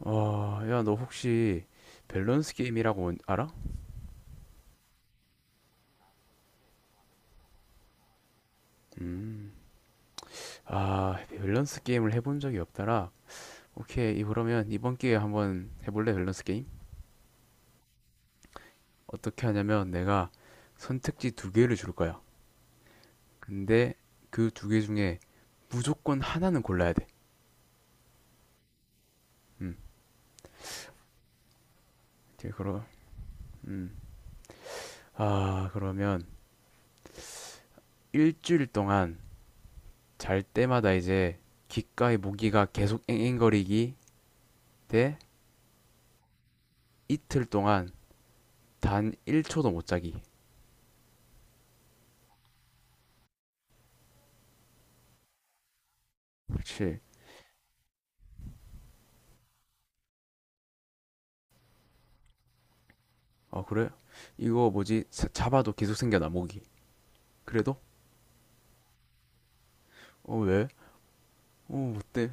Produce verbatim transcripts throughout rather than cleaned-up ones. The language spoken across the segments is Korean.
어, 야, 너 혹시 밸런스 게임이라고 뭔- 알아? 음, 아, 밸런스 게임을 해본 적이 없더라. 오케이, 이- 그러면 이번 기회에 한번 해볼래, 밸런스 게임? 어떻게 하냐면 내가 선택지 두 개를 줄 거야. 근데 그 두 개 중에 무조건 하나는 골라야 돼. 음, 이제. 그러, 음. 아, 그러면 일주일 동안 잘 때마다 이제 귓가에 모기가 계속 앵앵거리기 대 이틀 동안 단 일 초도 못 자기. 그렇지. 아, 그래? 이거 뭐지? 자- 잡아도 계속 생겨나 모기. 그래도? 어, 왜? 어, 어때?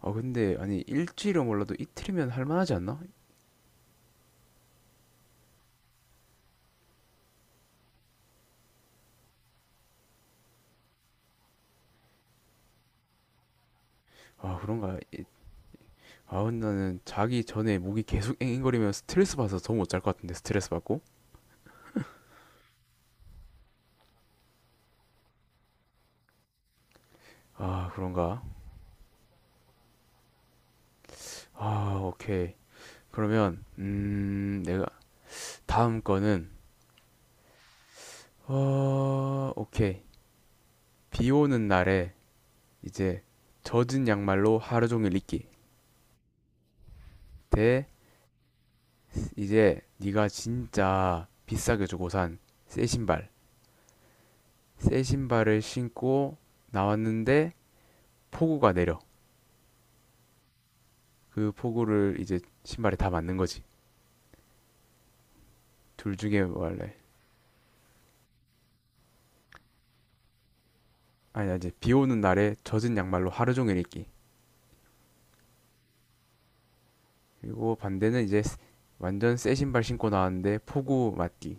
아, 근데 아니 일주일은 몰라도 이틀이면 할만하지 않나? 아, 그런가? 이- 아, 근데 나는 자기 전에 모기 계속 앵앵거리면 스트레스 받아서 더 못 잘 것 같은데 스트레스 받고? 아, 그런가? 아, 오케이. 그러면 음 내가. 다음 거는 어 오케이, 비 오는 날에 이제 젖은 양말로 하루 종일 입기 대 이제 네가 진짜 비싸게 주고 산 새 신발, 새 신발을 신고 나왔는데 폭우가 내려. 그 폭우를 이제 신발에 다 맞는 거지. 둘 중에 뭐 할래? 아니 이제 비 오는 날에 젖은 양말로 하루 종일 입기. 그리고 반대는 이제 완전 새 신발 신고 나왔는데 폭우 맞기.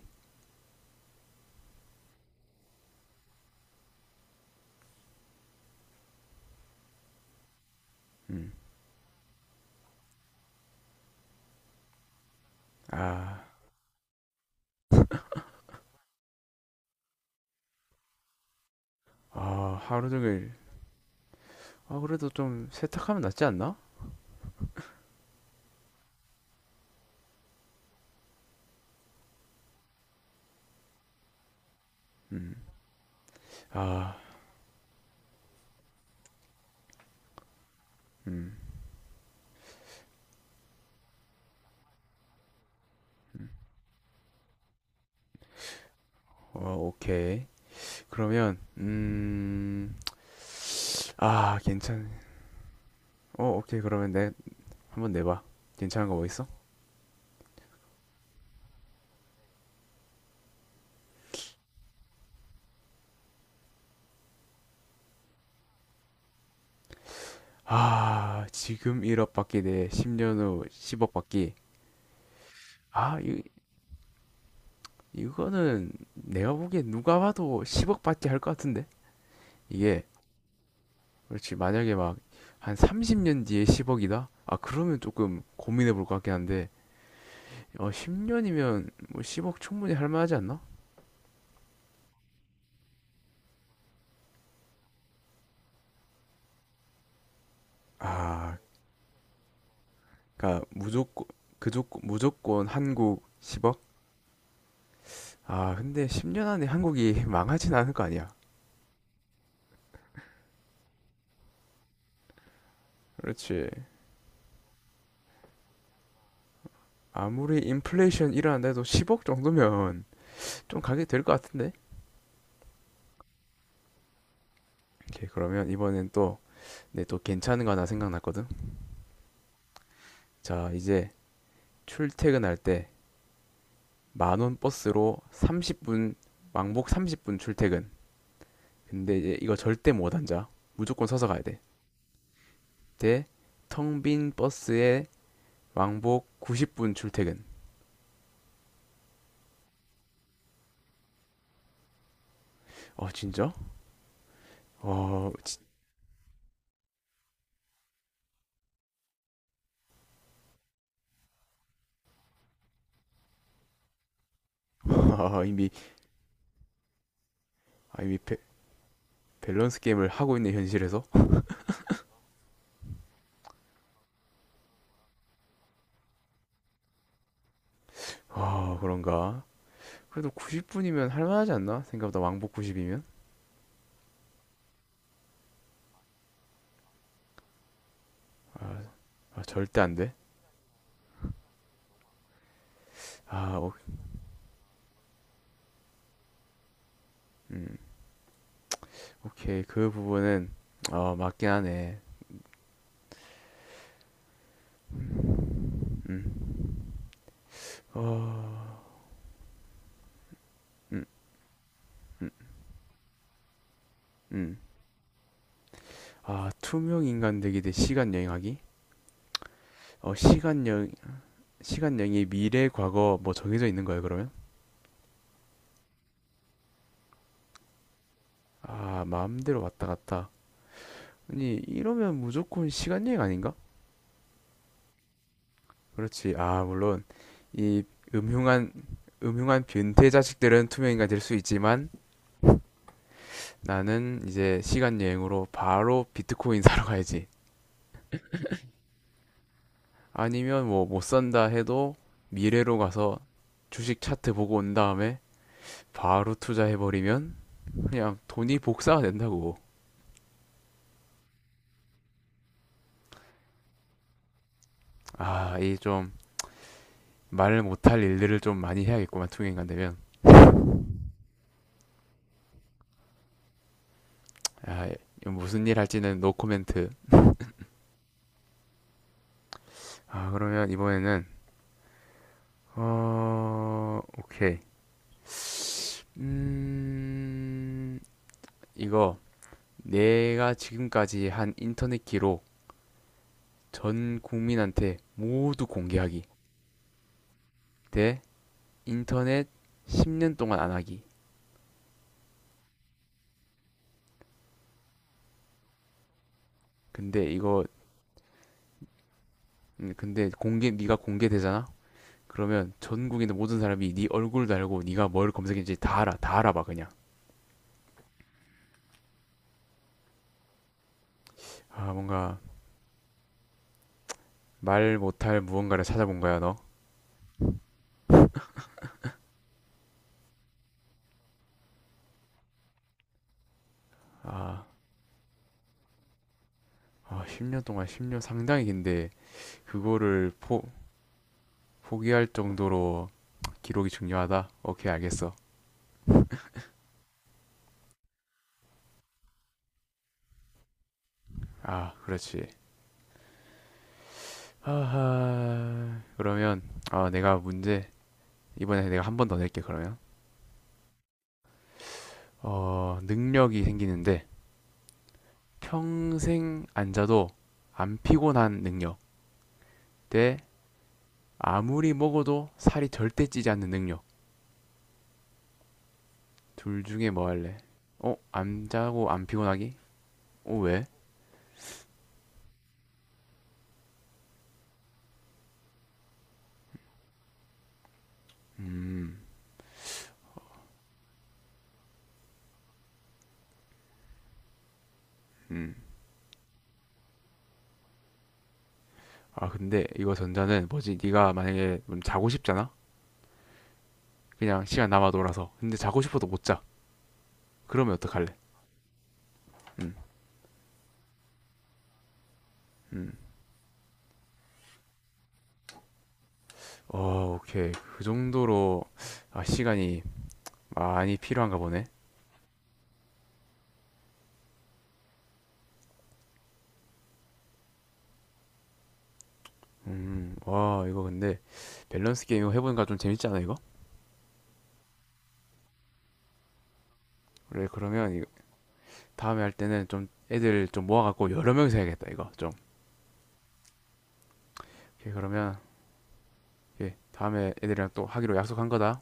음. 아. 아. 하루 종일. 아, 그래도 좀 세탁하면 낫지 않나? 음. 아. 음. 어, 오케이. 그러면. 음. 아, 괜찮네. 어, 오케이. 그러면 내, 한번 내봐. 괜찮은 거 뭐 있어? 아, 지금 일억 받기 대 십 년 후 십억 받기. 아, 이, 이거는 내가 보기엔 누가 봐도 십억 받기 할 것 같은데? 이게, 그렇지. 만약에 막, 한 삼십 년 뒤에 십억이다? 아, 그러면 조금 고민해 볼 것 같긴 한데, 어, 십 년이면 뭐 십억 충분히 할 만하지 않나? 아, 그니까 무조건, 그조 무조건 한국 십억? 아, 근데 십 년 안에 한국이 망하진 않을 거 아니야. 그렇지. 아무리 인플레이션 일어난다 해도 십억 정도면 좀 가게 될 것 같은데? 오케이, 그러면 이번엔 또, 내 또 괜찮은 거 하나 생각났거든? 자, 이제 출퇴근할 때 만원 버스로 삼십 분, 왕복 삼십 분 출퇴근. 근데 이제 이거 절대 못 앉아. 무조건 서서 가야 돼. 대, 텅빈 버스에 왕복 구십 분 출퇴근. 어, 진짜? 어, 진짜. 아, 이미, 아, 이미 배- 밸런스 게임을 하고 있는 현실에서. 아, 그런가? 그래도 구십 분이면 할만하지 않나? 생각보다 왕복 구십이면. 아, 절대 안돼아. 오, 음, 오케이, 그 부분은 어, 맞긴 하네. 어, 음, 음. 아, 투명 인간 되기 대 시간 여행하기. 어, 시간 여행. 시간 여행이 미래 과거 뭐 정해져 있는 거예요, 그러면? 아, 마음대로 왔다 갔다. 아니 이러면 무조건 시간 여행 아닌가? 그렇지. 아, 물론 이 음흉한 음흉한 변태 자식들은 투명인간 될 수 있지만 나는 이제 시간 여행으로 바로 비트코인 사러 가야지. 아니면 뭐 못 산다 해도 미래로 가서 주식 차트 보고 온 다음에 바로 투자해버리면 그냥 돈이 복사가 된다고. 아, 이 좀 말을 못할 일들을 좀 많이 해야겠구만, 투명인간 되면. 아, 무슨 일 할지는 노 코멘트. 아, 그러면 이번에는, 어, 오케이. 음, 이거 내가 지금까지 한 인터넷 기록 전 국민한테 모두 공개하기. 대 인터넷 십 년 동안 안 하기. 근데 이거. 음, 근데 공개 네가 공개되잖아. 그러면 전국에 있는 모든 사람이 네 얼굴도 알고 네가 뭘 검색했는지 다 알아. 다 알아봐 그냥. 아, 뭔가 말 못할 무언가를 찾아본 거야, 너. 아. 아 십 년 동안 십 년 상당히 긴데 그거를 포 포기할 정도로 기록이 중요하다. 오케이, 알겠어. 아, 그렇지. 하하. 그러면 어, 내가 문제 이번에 내가 한 번 더 낼게 그러면. 어, 능력이 생기는데 평생 앉아도 안 피곤한 능력 대 아무리 먹어도 살이 절대 찌지 않는 능력. 둘 중에 뭐 할래? 어, 안 자고 안 피곤하기? 어, 왜? 음. 음. 아, 근데 이거 전자는 뭐지? 네가 만약에 자고 싶잖아. 그냥 시간 남아 돌아서. 근데 자고 싶어도 못 자. 그러면 어떡할래? 음. 음. 어, 오케이. 그 정도로 아, 시간이 많이 필요한가 보네. 음, 와, 이거 근데 밸런스 게임 이거 해보니까 좀 재밌지 않아, 이거? 그래, 그러면 이거 다음에 할 때는 좀 애들 좀 모아갖고 여러 명이서 해야겠다, 이거 좀. 오케이, 그러면, 예, 다음에 애들이랑 또 하기로 약속한 거다.